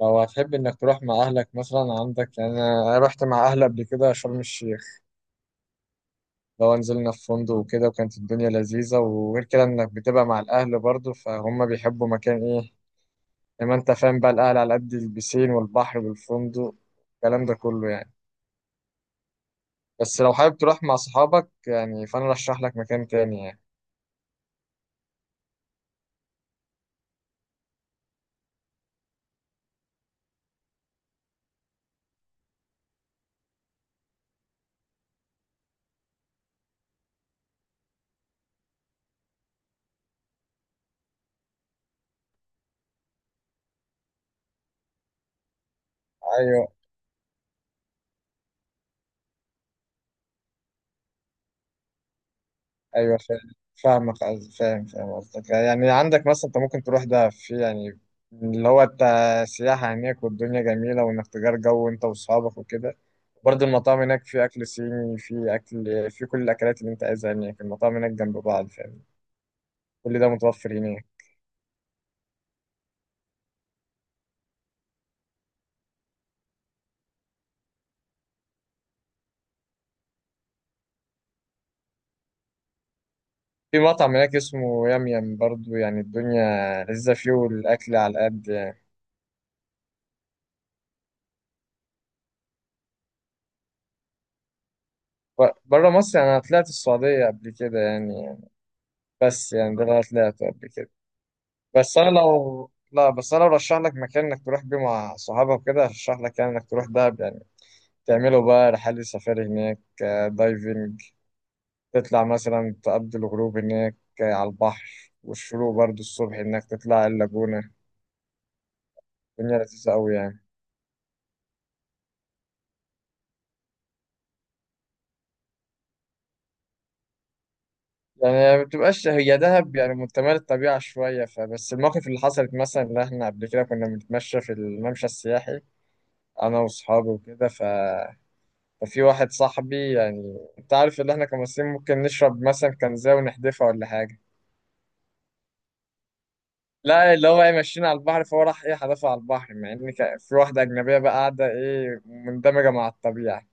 لو هتحب انك تروح مع اهلك مثلا عندك يعني انا رحت مع اهلي قبل كده شرم الشيخ. لو نزلنا في فندق وكده وكانت الدنيا لذيذة، وغير كده انك بتبقى مع الاهل برضو فهم بيحبوا مكان ايه. لما انت فاهم بقى الاهل على قد البسين والبحر والفندق الكلام ده كله يعني. بس لو حابب تروح مع صحابك يعني فانا رشح لك مكان تاني يعني. ايوه. ايوه. فاهم قصدك، يعني عندك مثلا انت ممكن تروح ده في يعني اللي هو انت سياحة هناك، والدنيا جميلة، وانك تجار جو انت واصحابك وكده. برضه المطاعم هناك في اكل صيني، في اكل، في كل الاكلات اللي انت عايزها هناك. المطاعم هناك جنب بعض، فاهم؟ كل ده متوفر هناك. في مطعم هناك اسمه يام يام، برضه يعني الدنيا لذيذة فيه والاكل على قد يعني. بره مصر يعني انا طلعت السعودية قبل كده يعني. بس يعني ده اللي انا طلعته قبل كده. بس انا لو لا بس انا برشح لك مكان انك تروح بيه مع صحابك كده. ارشح لك يعني انك تروح دهب يعني. تعملوا بقى رحلة سفاري هناك، دايفنج. تطلع مثلا تقضي الغروب هناك، على البحر، والشروق برضو الصبح انك تطلع اللاجونة. الدنيا لذيذة قوي يعني. يعني ما بتبقاش هي دهب يعني متمال الطبيعة شوية. فبس المواقف اللي حصلت مثلا اللي احنا قبل كده كنا بنتمشى في الممشى السياحي انا واصحابي وكده. ف ففي واحد صاحبي، يعني انت عارف ان احنا كمصريين ممكن نشرب مثلا كنزة ونحدفها ولا حاجة. لا، اللي هو ايه، ماشيين على البحر، فهو راح ايه حدفها على البحر، مع ان في واحدة أجنبية بقى قاعدة ايه مندمجة مع الطبيعة.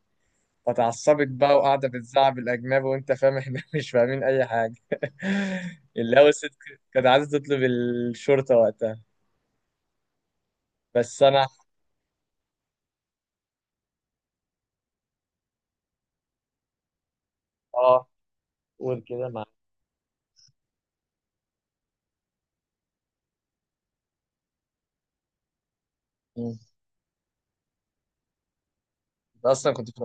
فتعصبت بقى وقاعدة بتزعق الأجنبي، وأنت فاهم احنا مش فاهمين أي حاجة اللي هو الست كانت عايزة تطلب الشرطة وقتها. بس أنا. اه. قول كده معاك. أنت أصلا كنت في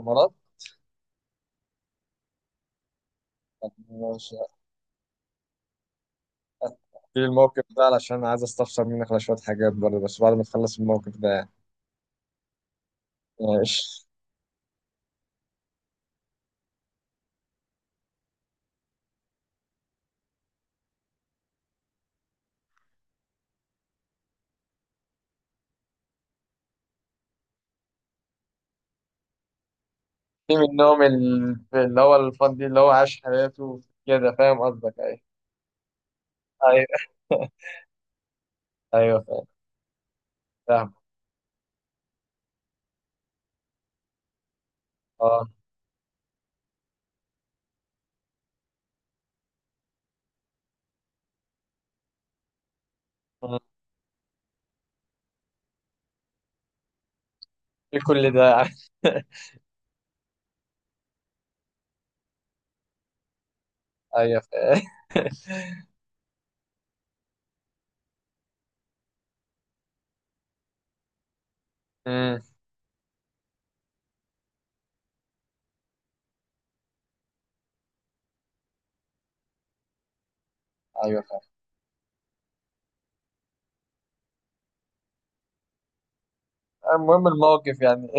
الإمارات؟ في الموقف ده علشان عايز استفسر منك على شوية حاجات برضه، بس بعد ما تخلص الموقف ده يعني. ماشي. في منهم اللي هو الفان دي اللي هو عاش حياته كده، فاهم قصدك؟ ايوه. ايوه. ايوه فاهم. فاهم. اه. مم. في كل ده يعني. ايوه فاهم. مم. ايوه فاهم. المهم الموقف يعني.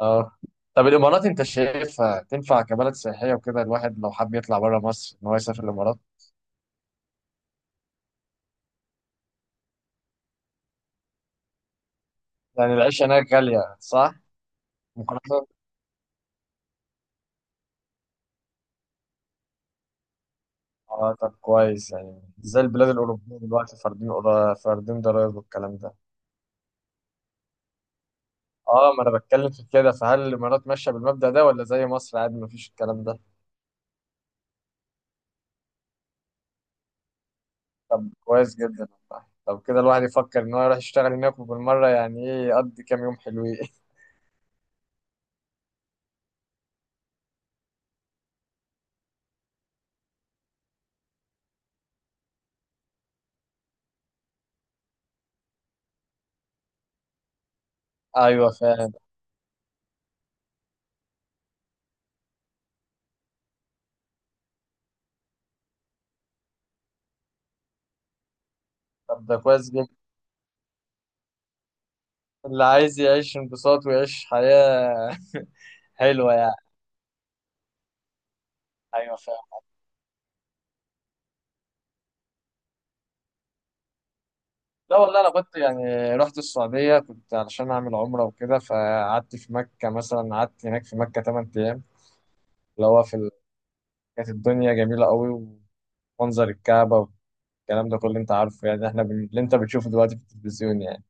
اه. طب الامارات انت شايفها تنفع كبلد سياحيه وكده الواحد لو حب يطلع بره مصر ان هو يسافر الامارات؟ يعني العيشه هناك غاليه، صح؟ مقارنه. اه طب كويس، يعني زي البلاد الأوروبية دلوقتي فاردين فاردين ضرايب والكلام ده. اه ما انا بتكلم في كده. فهل الامارات ماشيه بالمبدأ ده ولا زي مصر عادي ما فيش الكلام ده؟ طب كويس جدا والله. طب كده الواحد يفكر ان هو يروح يشتغل هناك، وبالمره يعني ايه يقضي كام يوم حلوين. ايوه فاهم. طب ده كويس جدا. اللي عايز يعيش انبساط ويعيش حياه حلوه يعني. ايوه فاهم. لا والله انا كنت يعني رحت السعوديه كنت علشان اعمل عمره وكده. فقعدت في مكه مثلا، قعدت هناك في مكه 8 ايام. اللي هو في ال... كانت الدنيا جميلة قوي. ومنظر الكعبة والكلام ده كله انت عارفه، يعني احنا بن... اللي انت بتشوفه دلوقتي في التلفزيون يعني.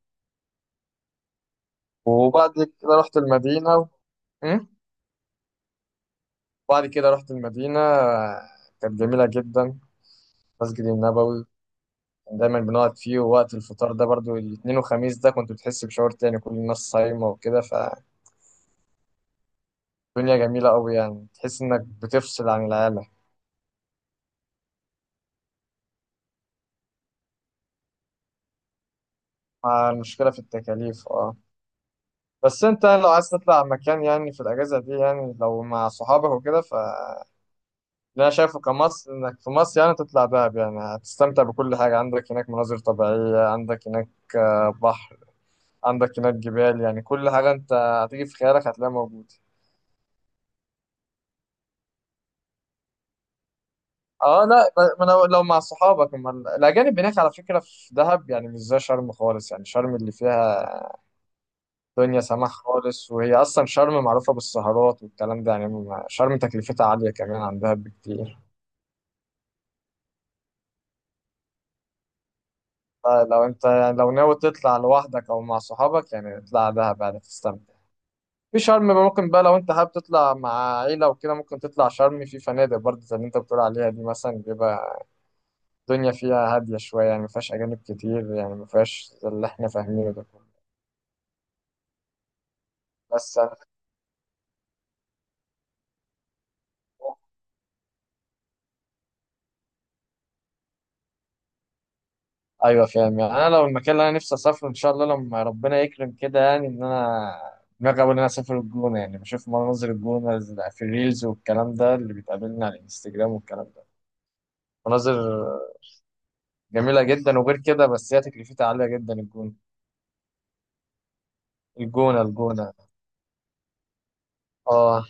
وبعد كده رحت المدينة و... م؟ بعد كده رحت المدينة. كانت جميلة جدا. المسجد النبوي كان دايما بنقعد فيه، ووقت الفطار ده برضو الاثنين وخميس ده كنت بتحس بشعور تاني، كل الناس صايمة وكده، فالدنيا جميلة قوي يعني. تحس انك بتفصل عن العالم. مع المشكلة في التكاليف، اه. بس انت لو عايز تطلع مكان يعني في الاجازه دي يعني لو مع صحابك وكده، فاللي انا شايفه كمصر انك في مصر يعني تطلع دهب. يعني هتستمتع بكل حاجه، عندك هناك مناظر طبيعيه، عندك هناك بحر، عندك هناك جبال، يعني كل حاجه انت هتيجي في خيالك هتلاقيها موجوده. اه لا، ما انا لو مع صحابك. اما الاجانب هناك على فكره في دهب يعني مش زي شرم خالص. يعني شرم اللي فيها دنيا سماح خالص، وهي اصلا شرم معروفه بالسهرات والكلام ده يعني. شرم تكلفتها عاليه كمان عن دهب بكتير. لو انت لو ناوي تطلع لوحدك او مع صحابك يعني اطلع دهب يعني تستمتع. في شرم بقى ممكن بقى لو انت حابب تطلع مع عيلة وكده ممكن تطلع شرم في فنادق برضه زي اللي انت بتقول عليها دي مثلا. بيبقى الدنيا فيها هادية شوية يعني، ما فيهاش أجانب كتير، يعني ما فيهاش زي اللي احنا فاهمينه ده كله. بس أنا- أيوة فاهم. يعني أنا لو المكان اللي أنا نفسي أسافره إن شاء الله لما ربنا يكرم كده، يعني إن أنا دماغي أوي إن أنا أسافر الجونة. يعني بشوف مناظر الجونة في الريلز والكلام ده اللي بيتقابلنا على الانستجرام والكلام ده. مناظر جميلة جدا وغير كده، بس هي تكلفتها عالية جدا الجونة. الجونة. الجونة. اه.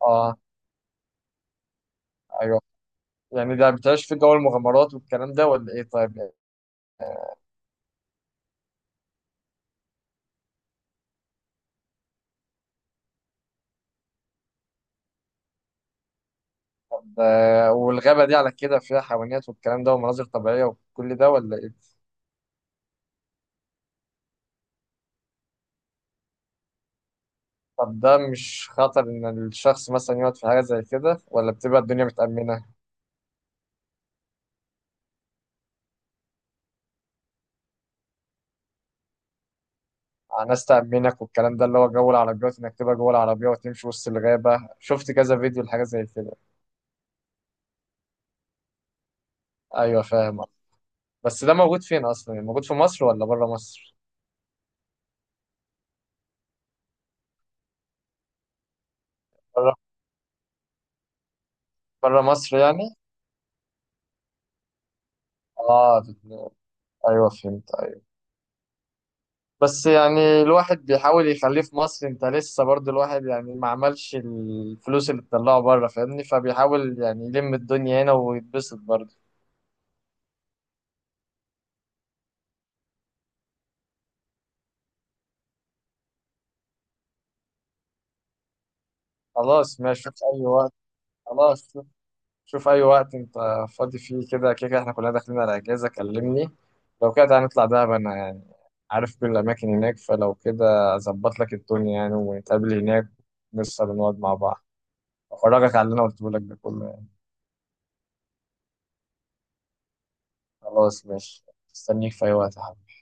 اه. ايوه يعني ده بتعيش في جو المغامرات والكلام ده ولا ايه، طيب؟ طب والغابة دي على كده فيها حيوانات والكلام ده ومناظر طبيعية وكل ده ولا ايه؟ طب ده مش خطر ان الشخص مثلا يقعد في حاجة زي كده، ولا بتبقى الدنيا متأمنة؟ ناس تأمنك والكلام ده، اللي هو جو العربيات انك تبقى جوه العربية وتمشي وسط الغابة. شفت كذا فيديو لحاجة زي كده. ايوه فاهم. بس ده موجود فين اصلا؟ يعني موجود في مصر ولا بره مصر؟ بره مصر يعني. اه في اتنين. ايوه فهمت. ايوه. بس يعني الواحد بيحاول يخليه في مصر، انت لسه برضه الواحد يعني ما عملش الفلوس اللي بتطلعه بره فاهمني، فبيحاول يعني يلم الدنيا هنا ويتبسط برضه. خلاص ماشي، شوف اي وقت. خلاص شوف. شوف اي وقت انت فاضي فيه. كده كده كده احنا كلنا داخلين على اجازه، كلمني. لو كده هنطلع دهب انا يعني عارف كل الاماكن هناك، فلو كده اظبط لك الدنيا يعني ونتقابل هناك. نسهر ونقعد مع بعض. افرجك على اللي انا قلته لك ده كله. خلاص ماشي. استنيك في أي وقت يا حبيبي.